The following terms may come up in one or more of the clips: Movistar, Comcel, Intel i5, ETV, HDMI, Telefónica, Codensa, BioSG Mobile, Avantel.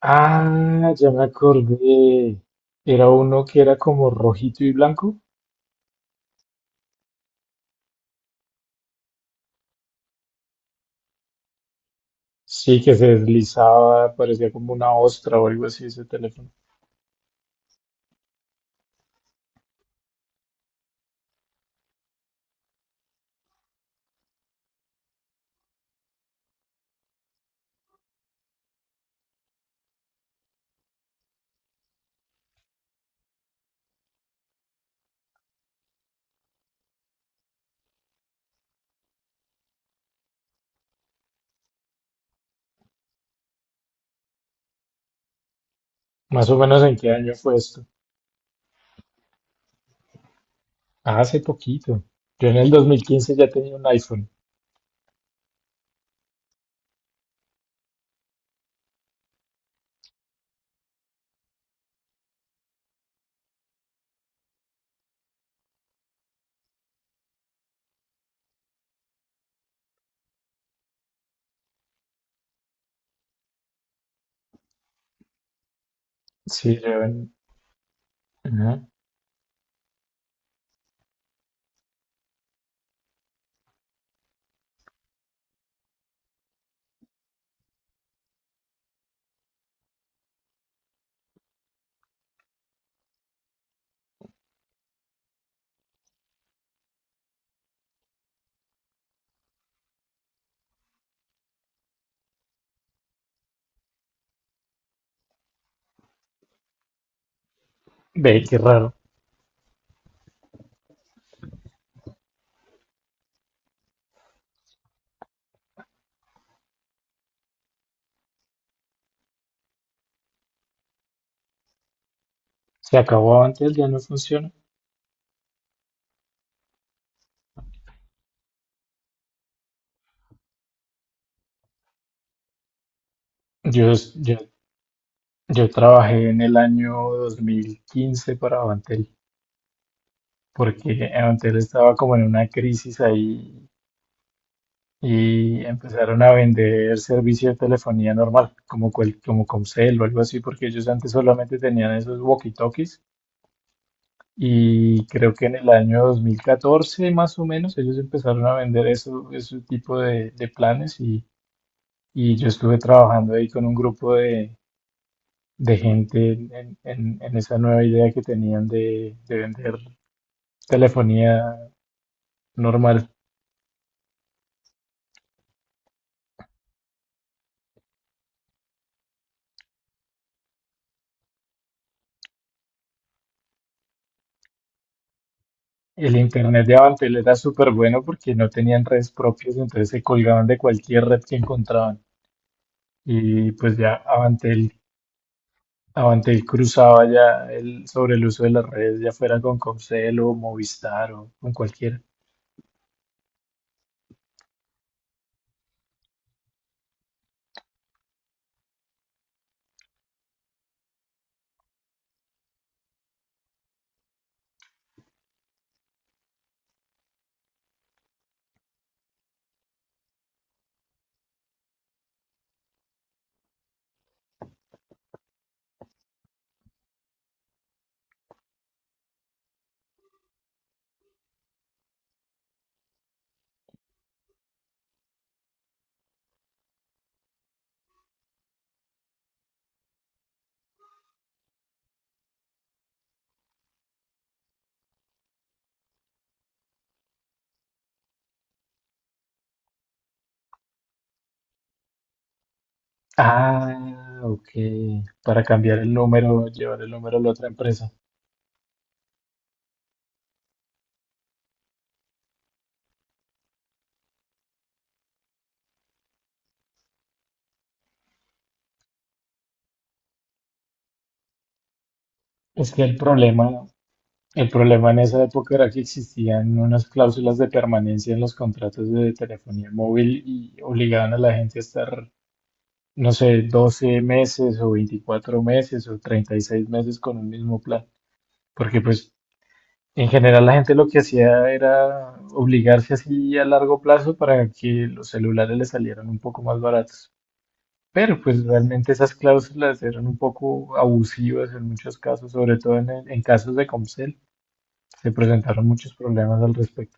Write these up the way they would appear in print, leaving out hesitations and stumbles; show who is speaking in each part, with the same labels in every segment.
Speaker 1: Ah, ya me acordé. Era uno que era como rojito y blanco. Sí, que se deslizaba, parecía como una ostra o algo así ese teléfono. Más o menos en qué año fue esto. Ah, hace poquito. Yo en el 2015 ya tenía un iPhone. Sí, ajá. Ve, qué raro. Se acabó antes, ya no funciona. Yo, yo, yo trabajé en el año 2015 para Avantel, porque Avantel estaba como en una crisis ahí y empezaron a vender servicio de telefonía normal, como Comcel o algo así, porque ellos antes solamente tenían esos walkie-talkies y creo que en el año 2014 más o menos ellos empezaron a vender eso, ese tipo de planes y yo estuve trabajando ahí con un grupo de gente en esa nueva idea que tenían de vender telefonía normal. El internet de Avantel era súper bueno porque no tenían redes propias, entonces se colgaban de cualquier red que encontraban. Y pues ya Avantel cruzaba ya el, sobre el uso de las redes, ya fuera con Comcel o Movistar o con cualquiera. Ah, ok. Para cambiar el número, llevar el número a la otra empresa. Es que el problema en esa época era que existían unas cláusulas de permanencia en los contratos de telefonía móvil y obligaban a la gente a estar no sé, 12 meses o 24 meses o 36 meses con un mismo plan. Porque pues en general la gente lo que hacía era obligarse así a largo plazo para que los celulares le salieran un poco más baratos. Pero pues realmente esas cláusulas eran un poco abusivas en muchos casos, sobre todo en, en casos de Comcel. Se presentaron muchos problemas al respecto.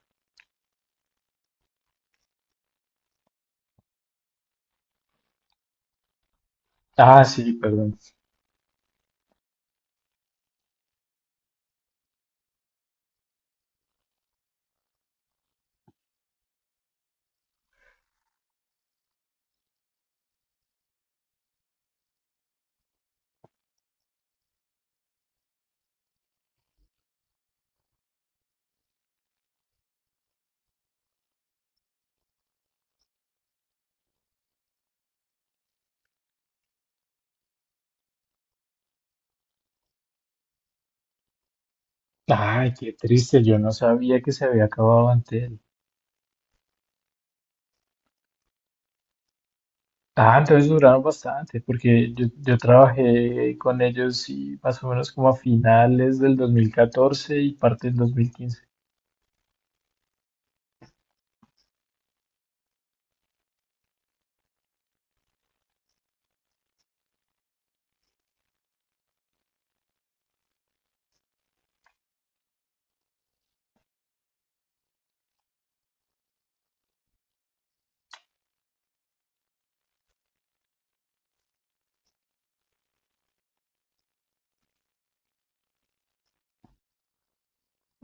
Speaker 1: Ah, sí, perdón. Ay, qué triste, yo no sabía que se había acabado Antel. Ah, entonces duraron bastante, porque yo trabajé con ellos y más o menos como a finales del 2014 y parte del 2015.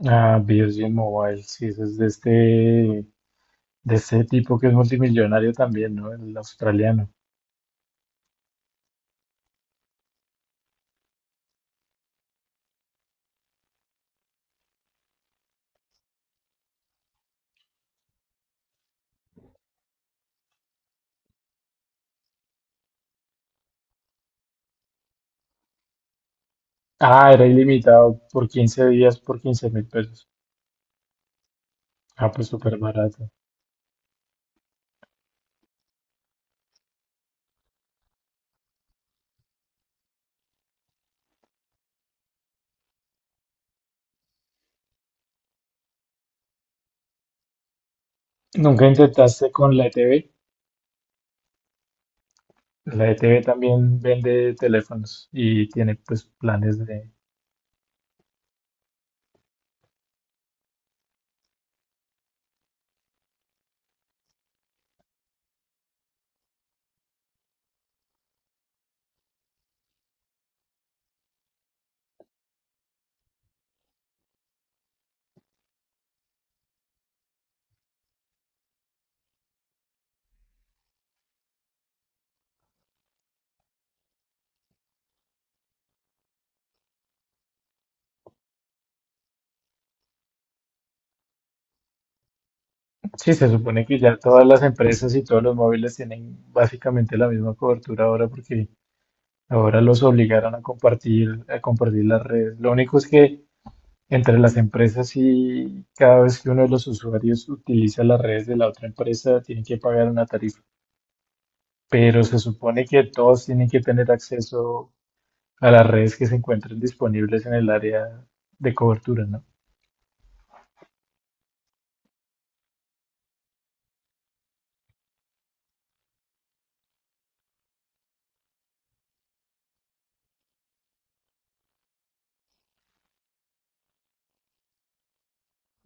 Speaker 1: Ah, BioSG Mobile, sí, ese es de este tipo que es multimillonario también, ¿no? El australiano. Ah, era ilimitado por 15 días por 15 mil pesos. Ah, pues súper barato. ¿Nunca intentaste con la ETV? La ETV también vende teléfonos y tiene pues planes de. Sí, se supone que ya todas las empresas y todos los móviles tienen básicamente la misma cobertura ahora porque ahora los obligaron a compartir las redes. Lo único es que entre las empresas y cada vez que uno de los usuarios utiliza las redes de la otra empresa, tienen que pagar una tarifa. Pero se supone que todos tienen que tener acceso a las redes que se encuentren disponibles en el área de cobertura, ¿no?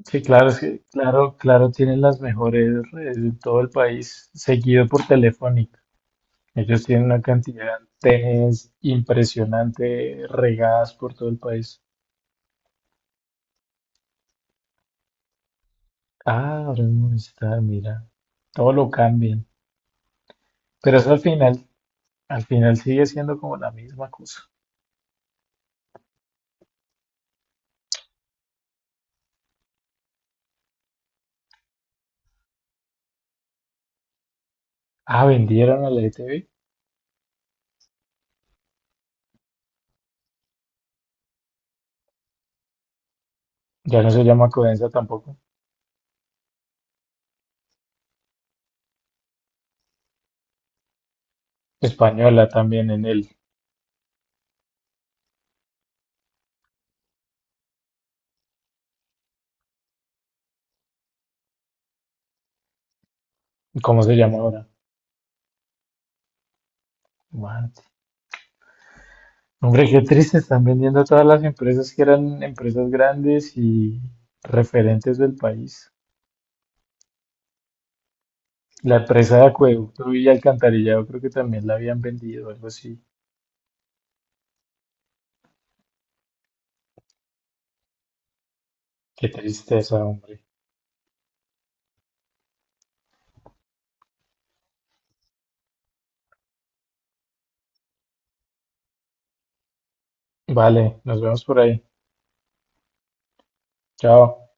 Speaker 1: Sí, claro, es que, claro, claro, tienen las mejores redes de todo el país, seguido por Telefónica. Ellos tienen una cantidad de antenas impresionante regadas por todo el país. Ah, ahora es Movistar, mira. Todo lo cambian. Pero eso al final sigue siendo como la misma cosa. Ah, vendieron a la ETV. Ya no se llama Codensa tampoco. Española también en él. ¿Cómo se llama ahora? What? Hombre, qué triste. Están vendiendo todas las empresas que eran empresas grandes y referentes del país. La empresa de acueducto y alcantarillado creo que también la habían vendido, algo así. Qué tristeza, hombre. Vale, nos vemos por ahí. Chao.